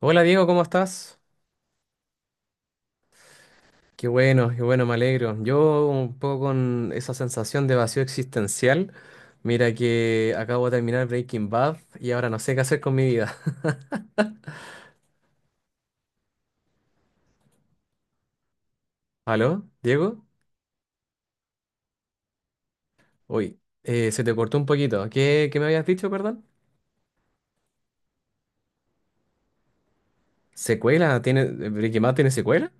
Hola Diego, ¿cómo estás? Qué bueno, me alegro. Yo un poco con esa sensación de vacío existencial. Mira que acabo de terminar Breaking Bad y ahora no sé qué hacer con mi vida. ¿Aló, Diego? Uy, se te cortó un poquito. ¿Qué me habías dicho, perdón? ¿Secuela? ¿ Breaking Bad tiene secuela?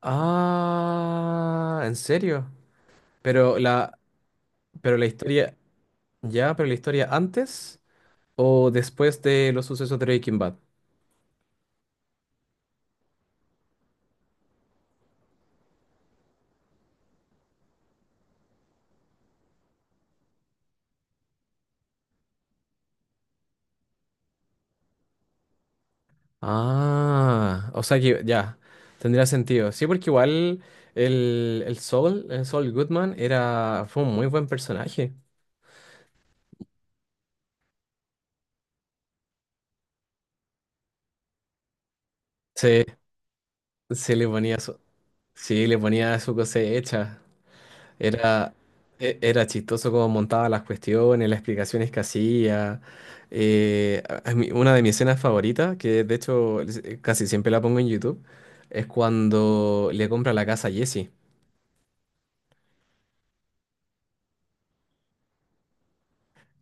Ah, ¿en serio? Pero la, pero la historia, ya, pero la historia antes o después de los sucesos de Breaking Bad. Ah, o sea que ya, tendría sentido. Sí, porque igual el Saul Goodman era, fue un muy buen personaje. Sí, sí le ponía su, sí, le ponía su cosecha. Era, era chistoso cómo montaba las cuestiones, las explicaciones que hacía. Una de mis escenas favoritas, que de hecho casi siempre la pongo en YouTube, es cuando le compra la casa a Jesse.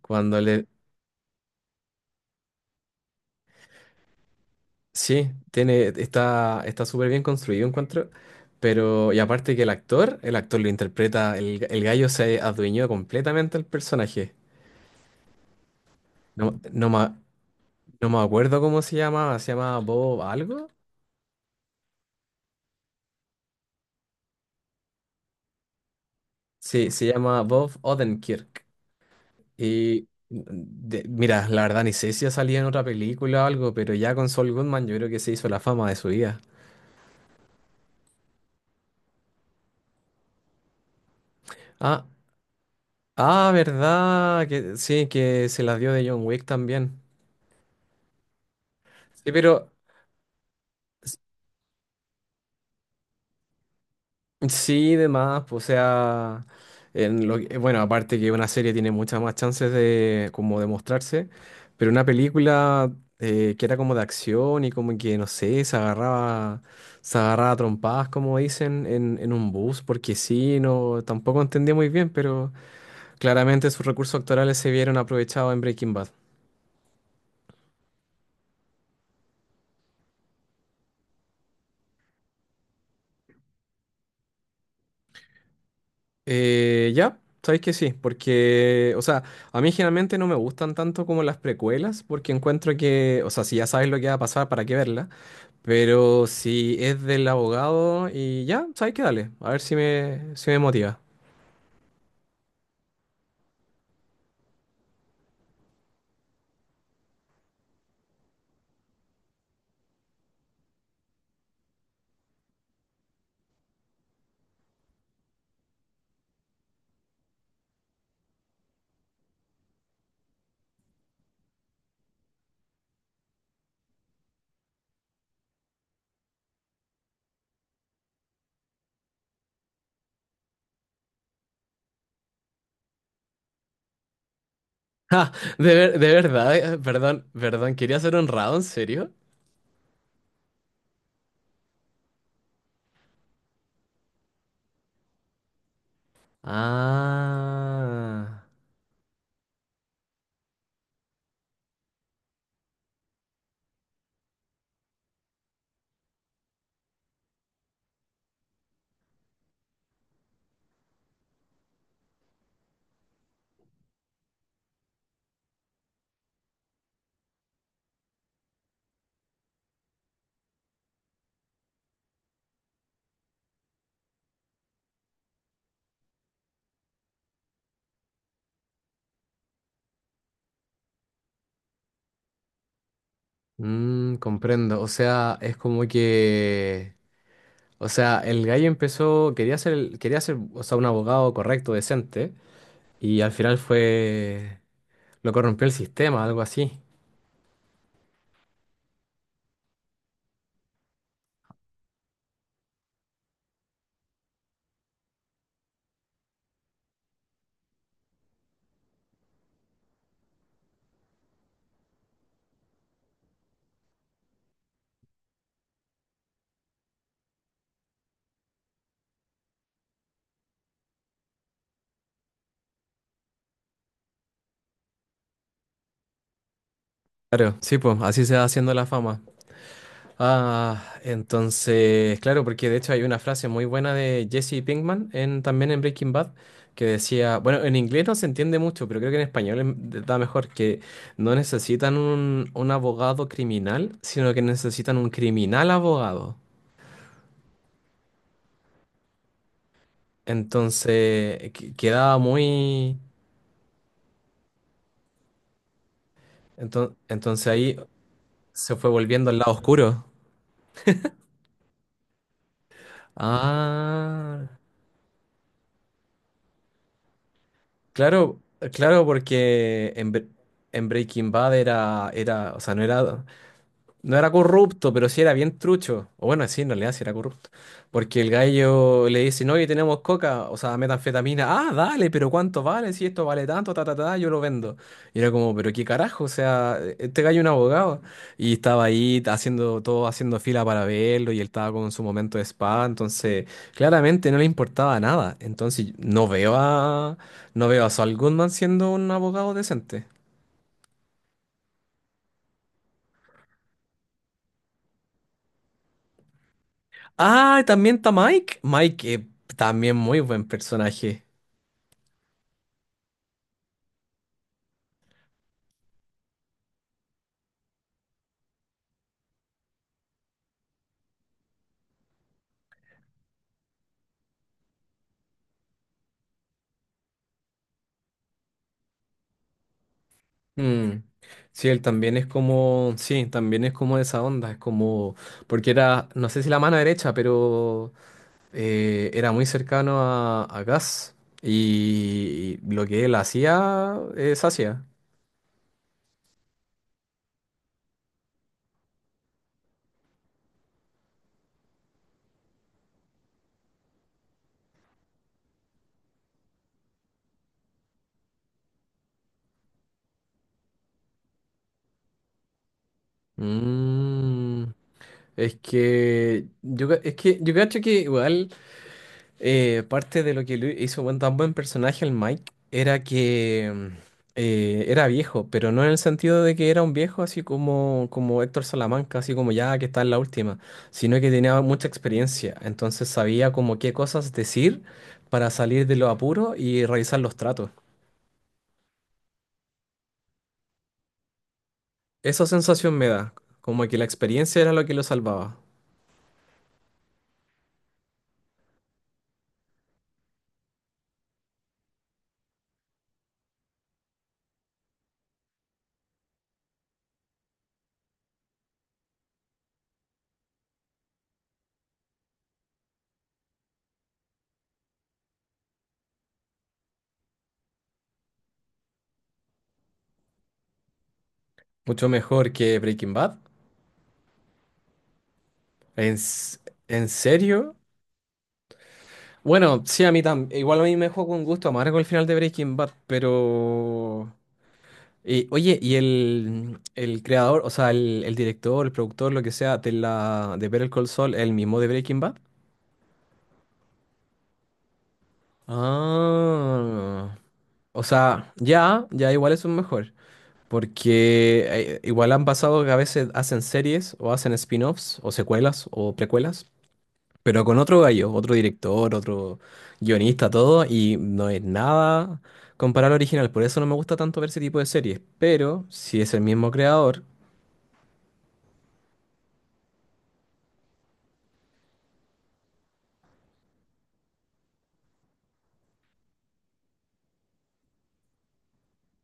Cuando le, Sí, tiene, está, está súper bien construido, encuentro. Pero, y aparte que el actor lo interpreta, el gallo se adueñó completamente al personaje. No, no, ma- no me acuerdo cómo se llamaba, ¿se llama Bob algo? Sí, se llama Bob Odenkirk. Y mira, la verdad ni sé si ha salido en otra película o algo, pero ya con Saul Goodman yo creo que se hizo la fama de su vida. Ah, ah, verdad, que sí, que se la dio de John Wick también. Sí, pero. Sí, demás, o sea, bueno, aparte que una serie tiene muchas más chances de como de mostrarse, pero una película que era como de acción y como que, no sé, se agarraba a trompadas, como dicen, en un bus, porque sí, no, tampoco entendía muy bien, pero claramente sus recursos actorales se vieron aprovechados en Breaking Bad. Ya, sabéis que sí, porque, o sea, a mí generalmente no me gustan tanto como las precuelas, porque encuentro que, o sea, si ya sabes lo que va a pasar, ¿para qué verla? Pero si es del abogado y ya, sabéis que dale, a ver si me motiva. Ah, de verdad, perdón, ¿quería ser honrado, en serio? Ah, mm, comprendo, o sea, es como que... O sea, el gallo empezó, quería ser, o sea, un abogado correcto, decente, y al final fue... Lo corrompió el sistema, algo así. Claro, sí, pues así se va haciendo la fama. Ah, entonces, claro, porque de hecho hay una frase muy buena de Jesse Pinkman en, también en Breaking Bad que decía, bueno, en inglés no se entiende mucho, pero creo que en español da mejor, que no necesitan un abogado criminal, sino que necesitan un criminal abogado. Entonces, quedaba muy... entonces ahí se fue volviendo al lado oscuro. Ah, claro, claro, en Breaking Bad era, era, o sea, no era, no era corrupto, pero sí era bien trucho. O bueno, sí, en realidad sí era corrupto. Porque el gallo le dice, no, y tenemos coca, o sea, metanfetamina. Ah, dale, pero ¿cuánto vale? Si esto vale tanto, ta, ta, ta, yo lo vendo. Y era como, pero qué carajo, o sea, este gallo es un abogado. Y estaba ahí haciendo todo, haciendo fila para verlo, y él estaba con su momento de spa, entonces claramente no le importaba nada. No veo a Saul Goodman siendo un abogado decente. Ah, también está Mike. También muy buen personaje. Mm. Sí, él también es como, sí, también es como de esa onda, es como, porque era, no sé si la mano derecha, pero era muy cercano a Gus y lo que él hacía, es hacía. Mm. Es que yo cacho que igual parte de lo que lo hizo tan buen personaje el Mike era que era viejo, pero no en el sentido de que era un viejo así como, como Héctor Salamanca, así como ya que está en la última, sino que tenía mucha experiencia, entonces sabía como qué cosas decir para salir de los apuros y realizar los tratos. Esa sensación me da, como que la experiencia era lo que lo salvaba. Mucho mejor que Breaking Bad. ¿En, s- ¿En serio? Bueno, sí, a mí también. Igual a mí me dejó con gusto amargo el final de Breaking Bad, pero... oye, ¿y el creador, o sea, el director, el productor, lo que sea, de la de Better Call Saul, el mismo de Breaking Bad? Ah, o sea, ya, ya igual es un mejor. Porque igual han pasado que a veces hacen series o hacen spin-offs o secuelas o precuelas. Pero con otro gallo, otro director, otro guionista, todo, y no es nada comparado al original. Por eso no me gusta tanto ver ese tipo de series. Pero si es el mismo creador.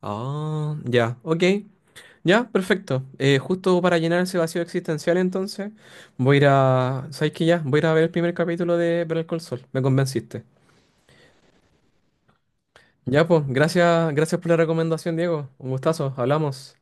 Ah, ya, ok. Ya, perfecto. Justo para llenar ese vacío existencial, entonces, voy a ir a. ¿Sabes qué ya? Voy a ir a ver el primer capítulo de Better Call Saul. Me convenciste. Ya, pues, gracias, gracias por la recomendación, Diego. Un gustazo, hablamos.